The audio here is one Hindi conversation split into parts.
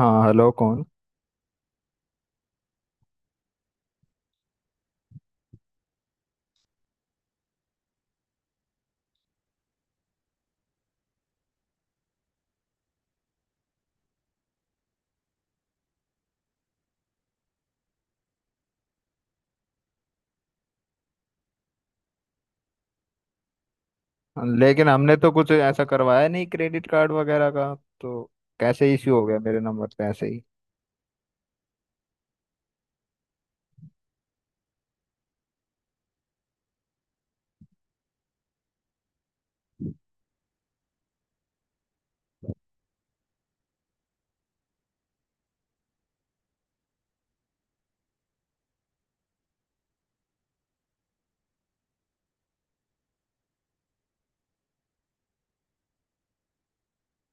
हाँ, हेलो, कौन। लेकिन हमने तो कुछ ऐसा करवाया नहीं क्रेडिट कार्ड वगैरह का, तो कैसे इश्यू हो गया मेरे नंबर पे ऐसे ही।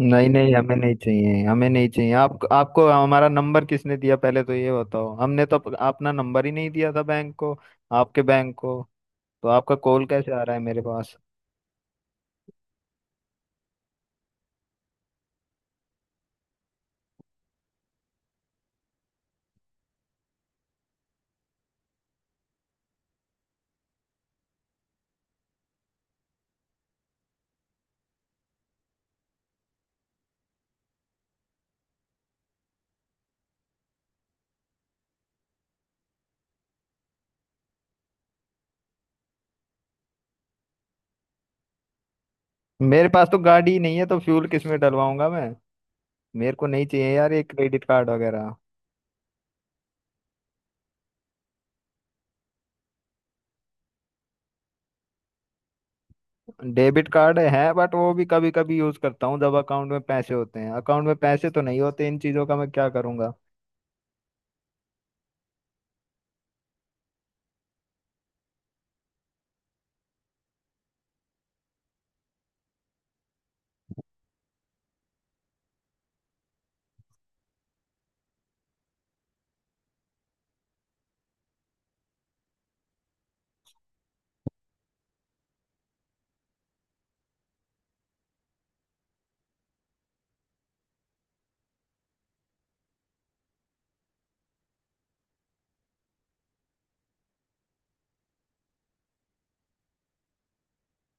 नहीं नहीं, हमें नहीं चाहिए, हमें नहीं चाहिए। आप आपको हमारा नंबर किसने दिया, पहले तो ये बताओ। हमने तो अपना नंबर ही नहीं दिया था बैंक को, आपके बैंक को, तो आपका कॉल कैसे आ रहा है मेरे पास। मेरे पास तो गाड़ी ही नहीं है, तो फ्यूल किस में डलवाऊंगा मैं। मेरे को नहीं चाहिए यार ये क्रेडिट कार्ड वगैरह। डेबिट कार्ड है, बट वो भी कभी कभी यूज करता हूँ जब अकाउंट में पैसे होते हैं। अकाउंट में पैसे तो नहीं होते, इन चीजों का मैं क्या करूंगा।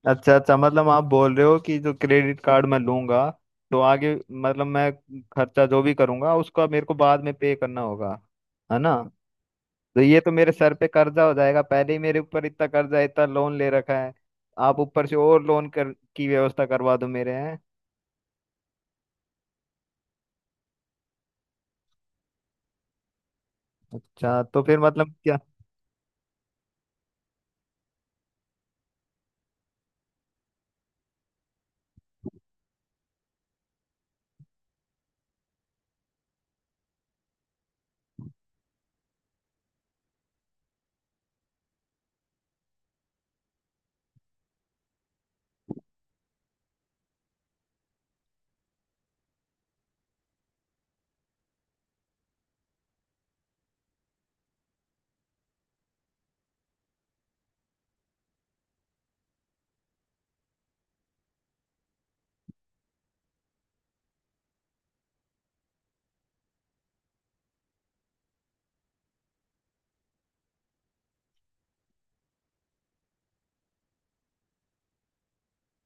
अच्छा अच्छा, मतलब आप बोल रहे हो कि जो क्रेडिट कार्ड मैं लूंगा, तो आगे मतलब मैं खर्चा जो भी करूंगा उसका मेरे को बाद में पे करना होगा, है ना? तो ये तो मेरे सर पे कर्जा हो जाएगा। पहले ही मेरे ऊपर इतना कर्जा है, इतना लोन ले रखा है, आप ऊपर से और लोन कर की व्यवस्था करवा दो मेरे हैं। अच्छा, तो फिर मतलब।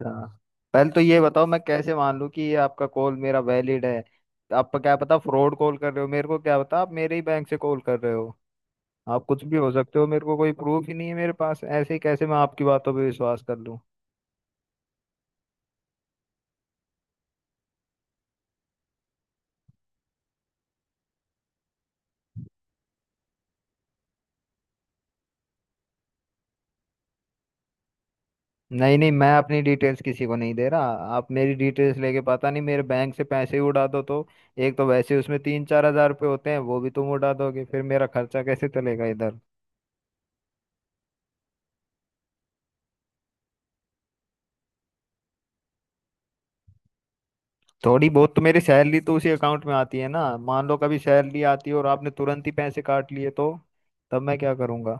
अच्छा पहले तो ये बताओ, मैं कैसे मान लूँ कि ये आपका कॉल मेरा वैलिड है। आप क्या पता फ्रॉड कॉल कर रहे हो, मेरे को क्या पता आप मेरे ही बैंक से कॉल कर रहे हो। आप कुछ भी हो सकते हो, मेरे को कोई प्रूफ ही नहीं है मेरे पास। ऐसे ही कैसे मैं आपकी बातों पे विश्वास कर लूँ। नहीं नहीं, मैं अपनी डिटेल्स किसी को नहीं दे रहा। आप मेरी डिटेल्स लेके पता नहीं मेरे बैंक से पैसे ही उड़ा दो तो? एक तो वैसे उसमें तीन चार हजार रुपये होते हैं, वो भी तुम उड़ा दोगे, फिर मेरा खर्चा कैसे चलेगा इधर। थोड़ी बहुत तो मेरी सैलरी तो उसी अकाउंट में आती है ना। मान लो कभी सैलरी आती है और आपने तुरंत ही पैसे काट लिए, तो तब मैं क्या करूंगा।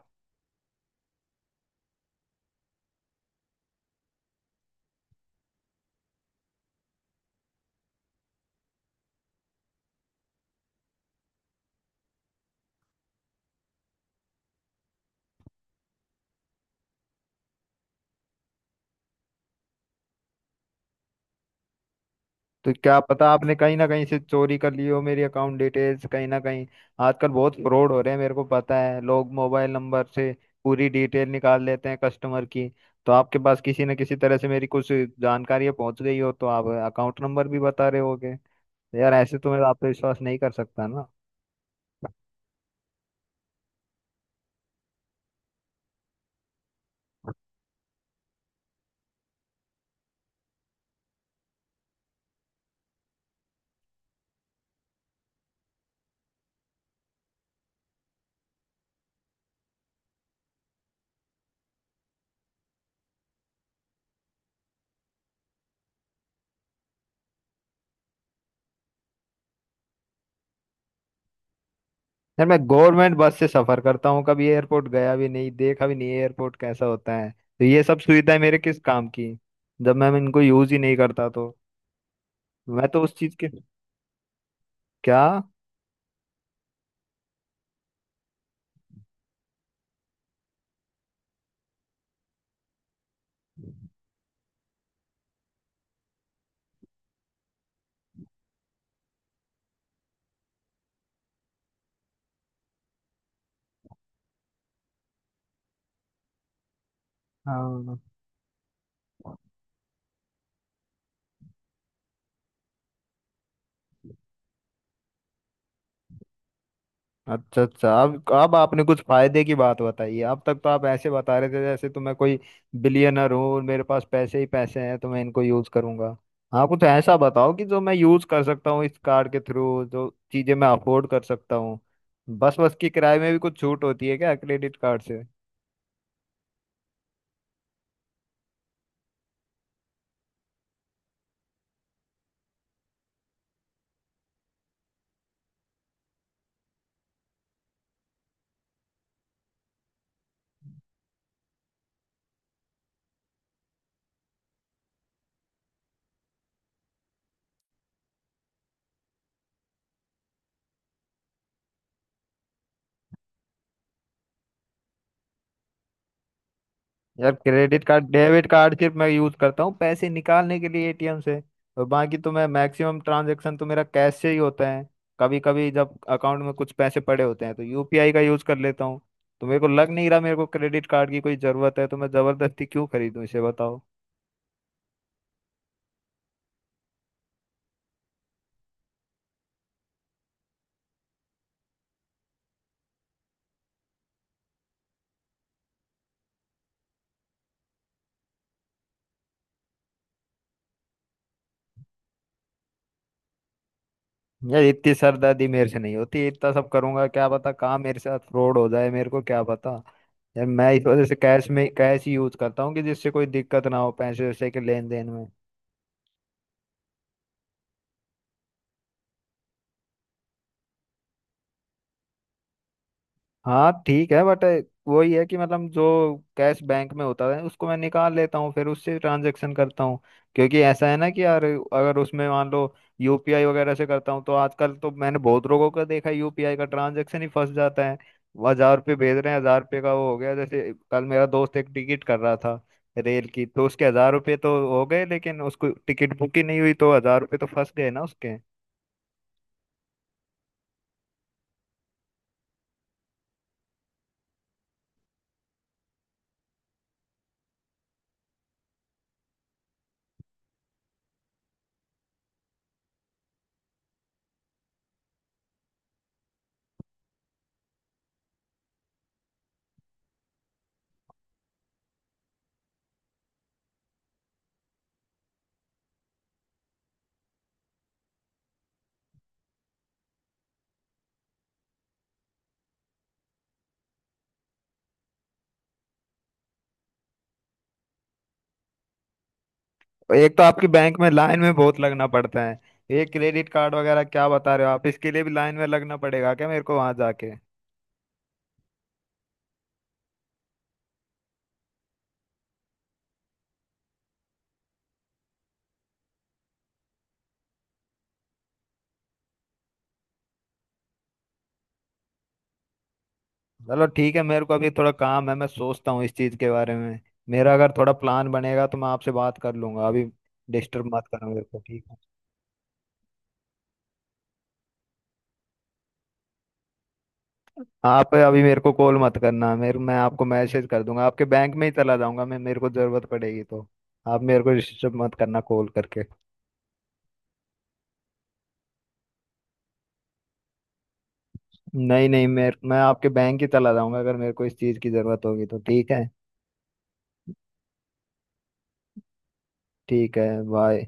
तो क्या पता आपने कहीं ना कहीं से चोरी कर ली हो मेरी अकाउंट डिटेल्स कहीं ना कहीं। आजकल बहुत फ्रॉड हो रहे हैं मेरे को पता है, लोग मोबाइल नंबर से पूरी डिटेल निकाल लेते हैं कस्टमर की। तो आपके पास किसी न किसी तरह से मेरी कुछ जानकारी पहुंच गई हो, तो आप अकाउंट नंबर भी बता रहे होगे। तो यार ऐसे तो मैं आप पे विश्वास नहीं कर सकता ना। यार मैं गवर्नमेंट बस से सफर करता हूँ, कभी एयरपोर्ट गया भी नहीं, देखा भी नहीं एयरपोर्ट कैसा होता है, तो ये सब सुविधाएं मेरे किस काम की, जब मैं इनको यूज ही नहीं करता तो। मैं तो उस चीज के, क्या। हाँ। अच्छा अच्छा, अब आपने कुछ फायदे की बात बताई है। अब तक तो आप ऐसे बता रहे थे जैसे तो मैं कोई बिलियनर हूँ और मेरे पास पैसे ही पैसे हैं, तो मैं इनको यूज करूंगा। हाँ, कुछ ऐसा बताओ कि जो मैं यूज कर सकता हूँ इस कार्ड के थ्रू, जो चीजें मैं अफोर्ड कर सकता हूँ। बस, बस की किराए में भी कुछ छूट होती है क्या क्रेडिट कार्ड से? यार क्रेडिट कार्ड डेबिट कार्ड सिर्फ मैं यूज करता हूँ पैसे निकालने के लिए एटीएम से, और बाकी तो मैं मैक्सिमम ट्रांजैक्शन तो मेरा कैश से ही होता है। कभी कभी जब अकाउंट में कुछ पैसे पड़े होते हैं तो यूपीआई का यूज कर लेता हूँ। तो मेरे को लग नहीं रहा मेरे को क्रेडिट कार्ड की कोई जरूरत है, तो मैं जबरदस्ती क्यों खरीदूं इसे, बताओ। यार इतनी सरदर्दी मेरे से नहीं होती, इतना सब करूंगा क्या पता कहाँ मेरे साथ फ्रॉड हो जाए, मेरे को क्या पता। यार मैं इस वजह से कैश में, कैश ही यूज करता हूँ कि जिससे कोई दिक्कत ना हो पैसे वैसे के लेन देन में। हाँ ठीक है, बट वही है कि मतलब जो कैश बैंक में होता है उसको मैं निकाल लेता हूँ, फिर उससे ट्रांजेक्शन करता हूँ। क्योंकि ऐसा है ना कि यार अगर उसमें मान लो यूपीआई वगैरह से करता हूँ, तो आजकल तो मैंने बहुत लोगों का देखा है यूपीआई का ट्रांजेक्शन ही फंस जाता है। वो हजार रुपये भेज रहे हैं, हजार रुपये का वो हो गया, जैसे कल मेरा दोस्त एक टिकट कर रहा था रेल की, तो उसके हजार रुपये तो हो गए लेकिन उसको टिकट बुक ही नहीं हुई, तो हजार रुपये तो फंस गए ना उसके। एक तो आपकी बैंक में लाइन में बहुत लगना पड़ता है। ये क्रेडिट कार्ड वगैरह क्या बता रहे हो आप, इसके लिए भी लाइन में लगना पड़ेगा क्या मेरे को वहां जाके? चलो ठीक है, मेरे को अभी थोड़ा काम है, मैं सोचता हूँ इस चीज के बारे में। मेरा अगर थोड़ा प्लान बनेगा तो मैं आपसे बात कर लूंगा। अभी डिस्टर्ब मत करना मेरे को, ठीक है। आप अभी मेरे को कॉल मत करना। मेरे मैं आपको मैसेज कर दूंगा, आपके बैंक में ही चला जाऊंगा मैं मेरे को जरूरत पड़ेगी तो। आप मेरे को डिस्टर्ब मत करना कॉल करके। नहीं नहीं, मेरे मैं आपके बैंक ही चला जाऊंगा अगर मेरे को इस चीज की जरूरत होगी तो, ठीक है। ठीक है, बाय।